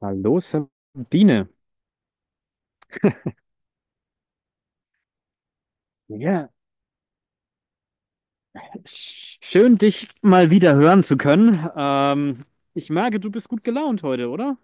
Hallo Sabine. Ja, schön dich mal wieder hören zu können. Ich merke, du bist gut gelaunt heute, oder?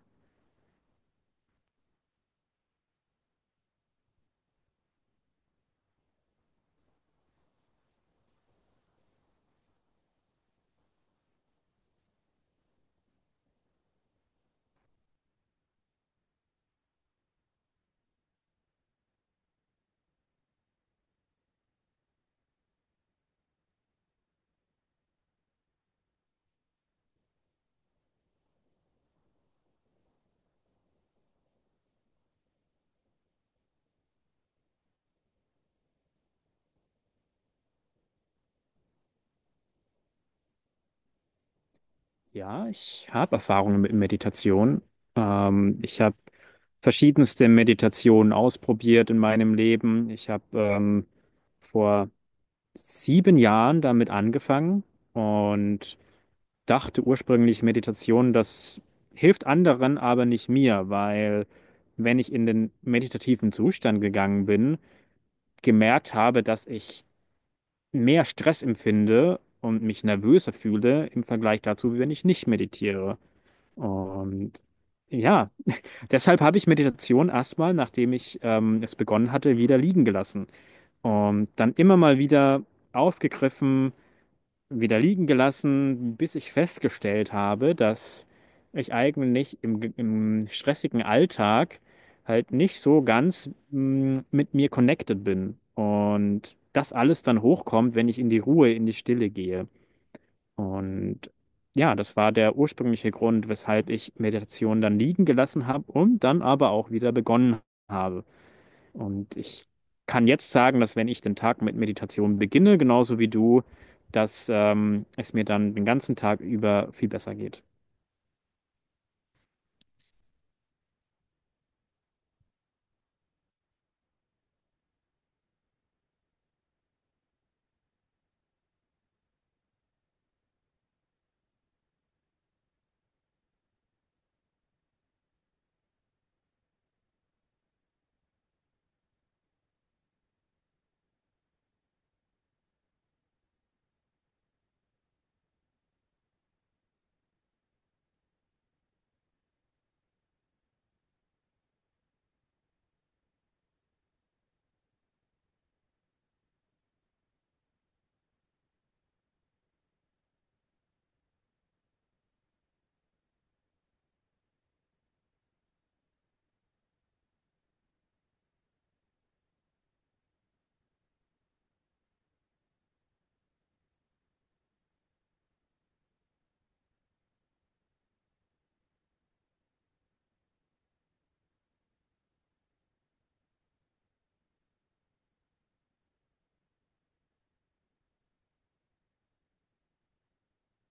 Ja, ich habe Erfahrungen mit Meditation. Ich habe verschiedenste Meditationen ausprobiert in meinem Leben. Ich habe vor 7 Jahren damit angefangen und dachte ursprünglich, Meditation, das hilft anderen, aber nicht mir, weil wenn ich in den meditativen Zustand gegangen bin, gemerkt habe, dass ich mehr Stress empfinde und mich nervöser fühle im Vergleich dazu, wie wenn ich nicht meditiere. Und ja, deshalb habe ich Meditation erstmal, nachdem ich es begonnen hatte, wieder liegen gelassen und dann immer mal wieder aufgegriffen wieder liegen gelassen, bis ich festgestellt habe, dass ich eigentlich im stressigen Alltag halt nicht so ganz mit mir connected bin. Und das alles dann hochkommt, wenn ich in die Ruhe, in die Stille gehe. Und ja, das war der ursprüngliche Grund, weshalb ich Meditation dann liegen gelassen habe und dann aber auch wieder begonnen habe. Und ich kann jetzt sagen, dass wenn ich den Tag mit Meditation beginne, genauso wie du, dass es mir dann den ganzen Tag über viel besser geht.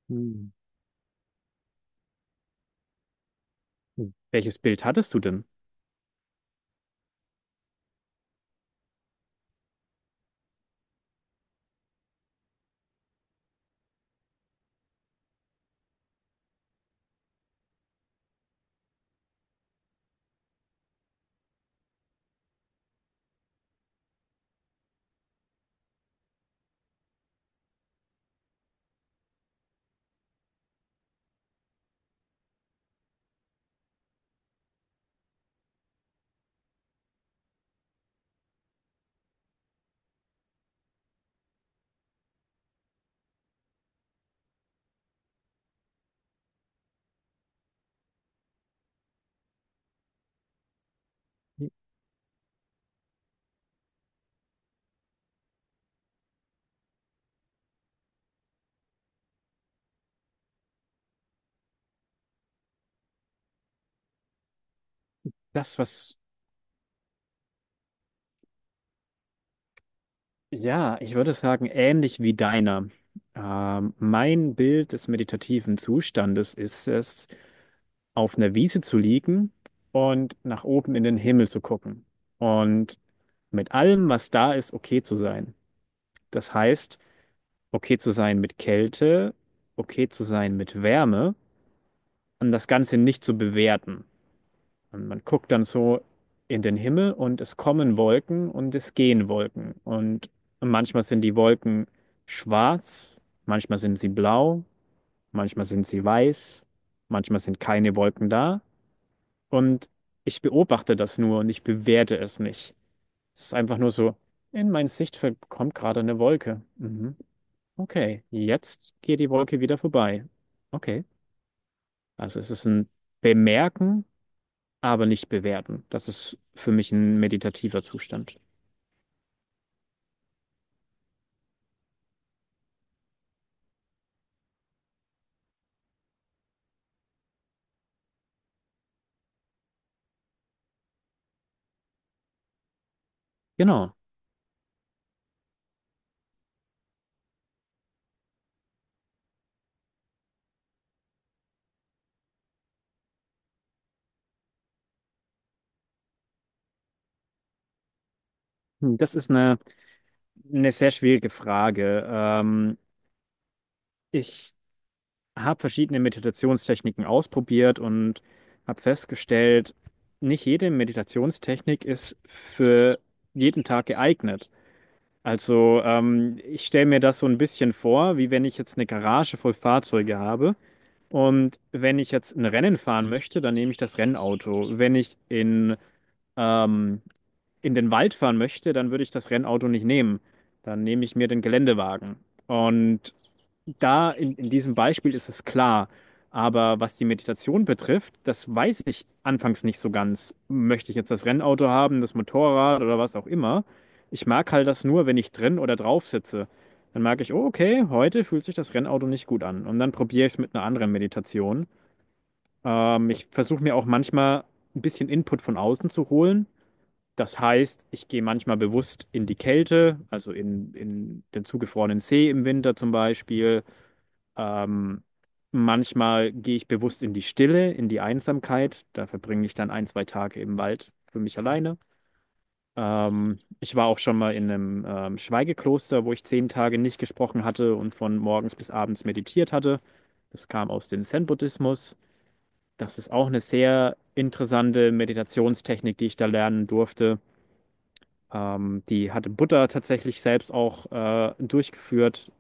Hm. Hm. Welches Bild hattest du denn? Das, was, ja, ich würde sagen, ähnlich wie deiner. Mein Bild des meditativen Zustandes ist es, auf einer Wiese zu liegen und nach oben in den Himmel zu gucken und mit allem, was da ist, okay zu sein. Das heißt, okay zu sein mit Kälte, okay zu sein mit Wärme und das Ganze nicht zu bewerten. Und man guckt dann so in den Himmel, und es kommen Wolken und es gehen Wolken. Und manchmal sind die Wolken schwarz, manchmal sind sie blau, manchmal sind sie weiß, manchmal sind keine Wolken da. Und ich beobachte das nur und ich bewerte es nicht. Es ist einfach nur so, in mein Sichtfeld kommt gerade eine Wolke. Mhm. Okay, jetzt geht die Wolke wieder vorbei. Okay, also es ist ein Bemerken, aber nicht bewerten. Das ist für mich ein meditativer Zustand. Genau. Das ist eine sehr schwierige Frage. Ich habe verschiedene Meditationstechniken ausprobiert und habe festgestellt, nicht jede Meditationstechnik ist für jeden Tag geeignet. Also ich stelle mir das so ein bisschen vor, wie wenn ich jetzt eine Garage voll Fahrzeuge habe. Und wenn ich jetzt ein Rennen fahren möchte, dann nehme ich das Rennauto. Wenn ich ähm, in den Wald fahren möchte, dann würde ich das Rennauto nicht nehmen. Dann nehme ich mir den Geländewagen. Und da in diesem Beispiel ist es klar. Aber was die Meditation betrifft, das weiß ich anfangs nicht so ganz. Möchte ich jetzt das Rennauto haben, das Motorrad oder was auch immer? Ich mag halt das nur, wenn ich drin oder drauf sitze. Dann merke ich, oh, okay, heute fühlt sich das Rennauto nicht gut an. Und dann probiere ich es mit einer anderen Meditation. Ich versuche mir auch manchmal ein bisschen Input von außen zu holen. Das heißt, ich gehe manchmal bewusst in die Kälte, also in den zugefrorenen See im Winter zum Beispiel. Ähm, Manchmal gehe ich bewusst in die Stille, in die Einsamkeit. Da verbringe ich dann ein, zwei Tage im Wald für mich alleine. Ich war auch schon mal in einem Schweigekloster, wo ich 10 Tage nicht gesprochen hatte und von morgens bis abends meditiert hatte. Das kam aus dem Zen-Buddhismus. Das ist auch eine sehr interessante Meditationstechnik, die ich da lernen durfte. Die hatte Buddha tatsächlich selbst auch durchgeführt.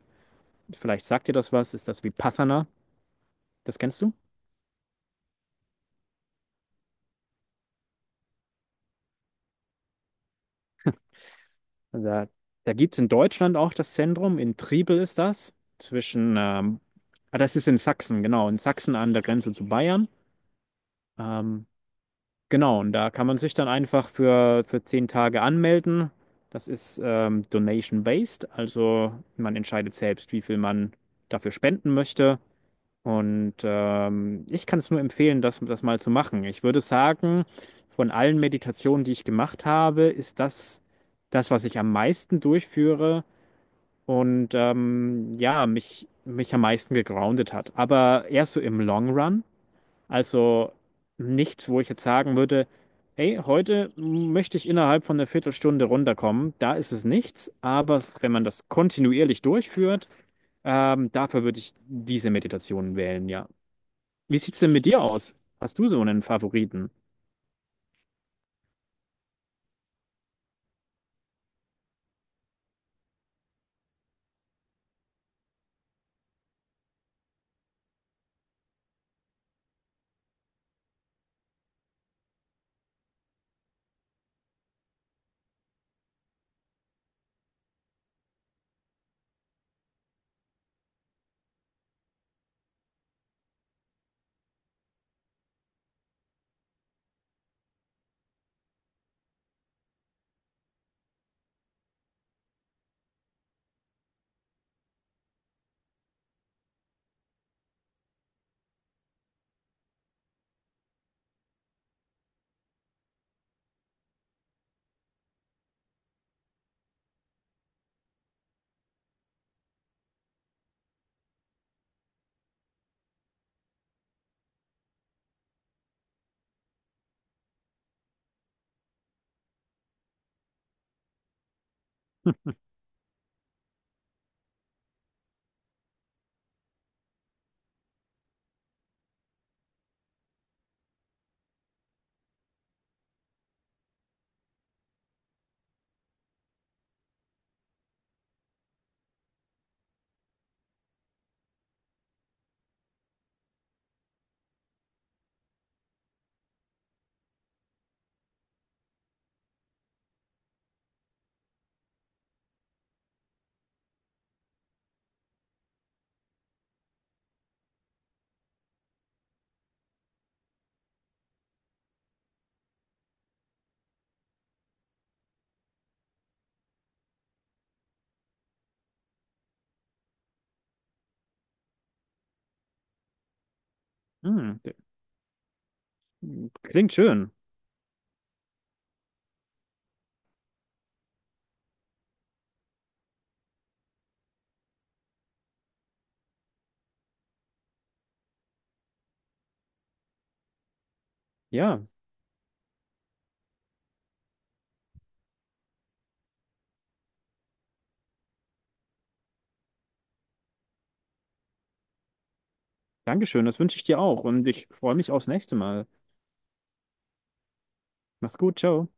Vielleicht sagt dir das was, ist das Vipassana? Das kennst du? Da, da gibt es in Deutschland auch das Zentrum, in Triebel ist das, das ist in Sachsen, genau, in Sachsen an der Grenze zu Bayern. Ähm, genau, und da kann man sich dann einfach für 10 Tage anmelden. Das ist donation-based, also man entscheidet selbst, wie viel man dafür spenden möchte. Und ich kann es nur empfehlen, das mal zu machen. Ich würde sagen, von allen Meditationen, die ich gemacht habe, ist das das, was ich am meisten durchführe und ja, mich am meisten gegroundet hat. Aber eher so im Long Run. Also nichts, wo ich jetzt sagen würde, hey, heute möchte ich innerhalb von einer Viertelstunde runterkommen. Da ist es nichts. Aber wenn man das kontinuierlich durchführt, dafür würde ich diese Meditationen wählen, ja. Wie sieht's denn mit dir aus? Hast du so einen Favoriten? Hm, Klingt schön. Ja, danke schön. Das wünsche ich dir auch. Und ich freue mich aufs nächste Mal. Mach's gut, ciao.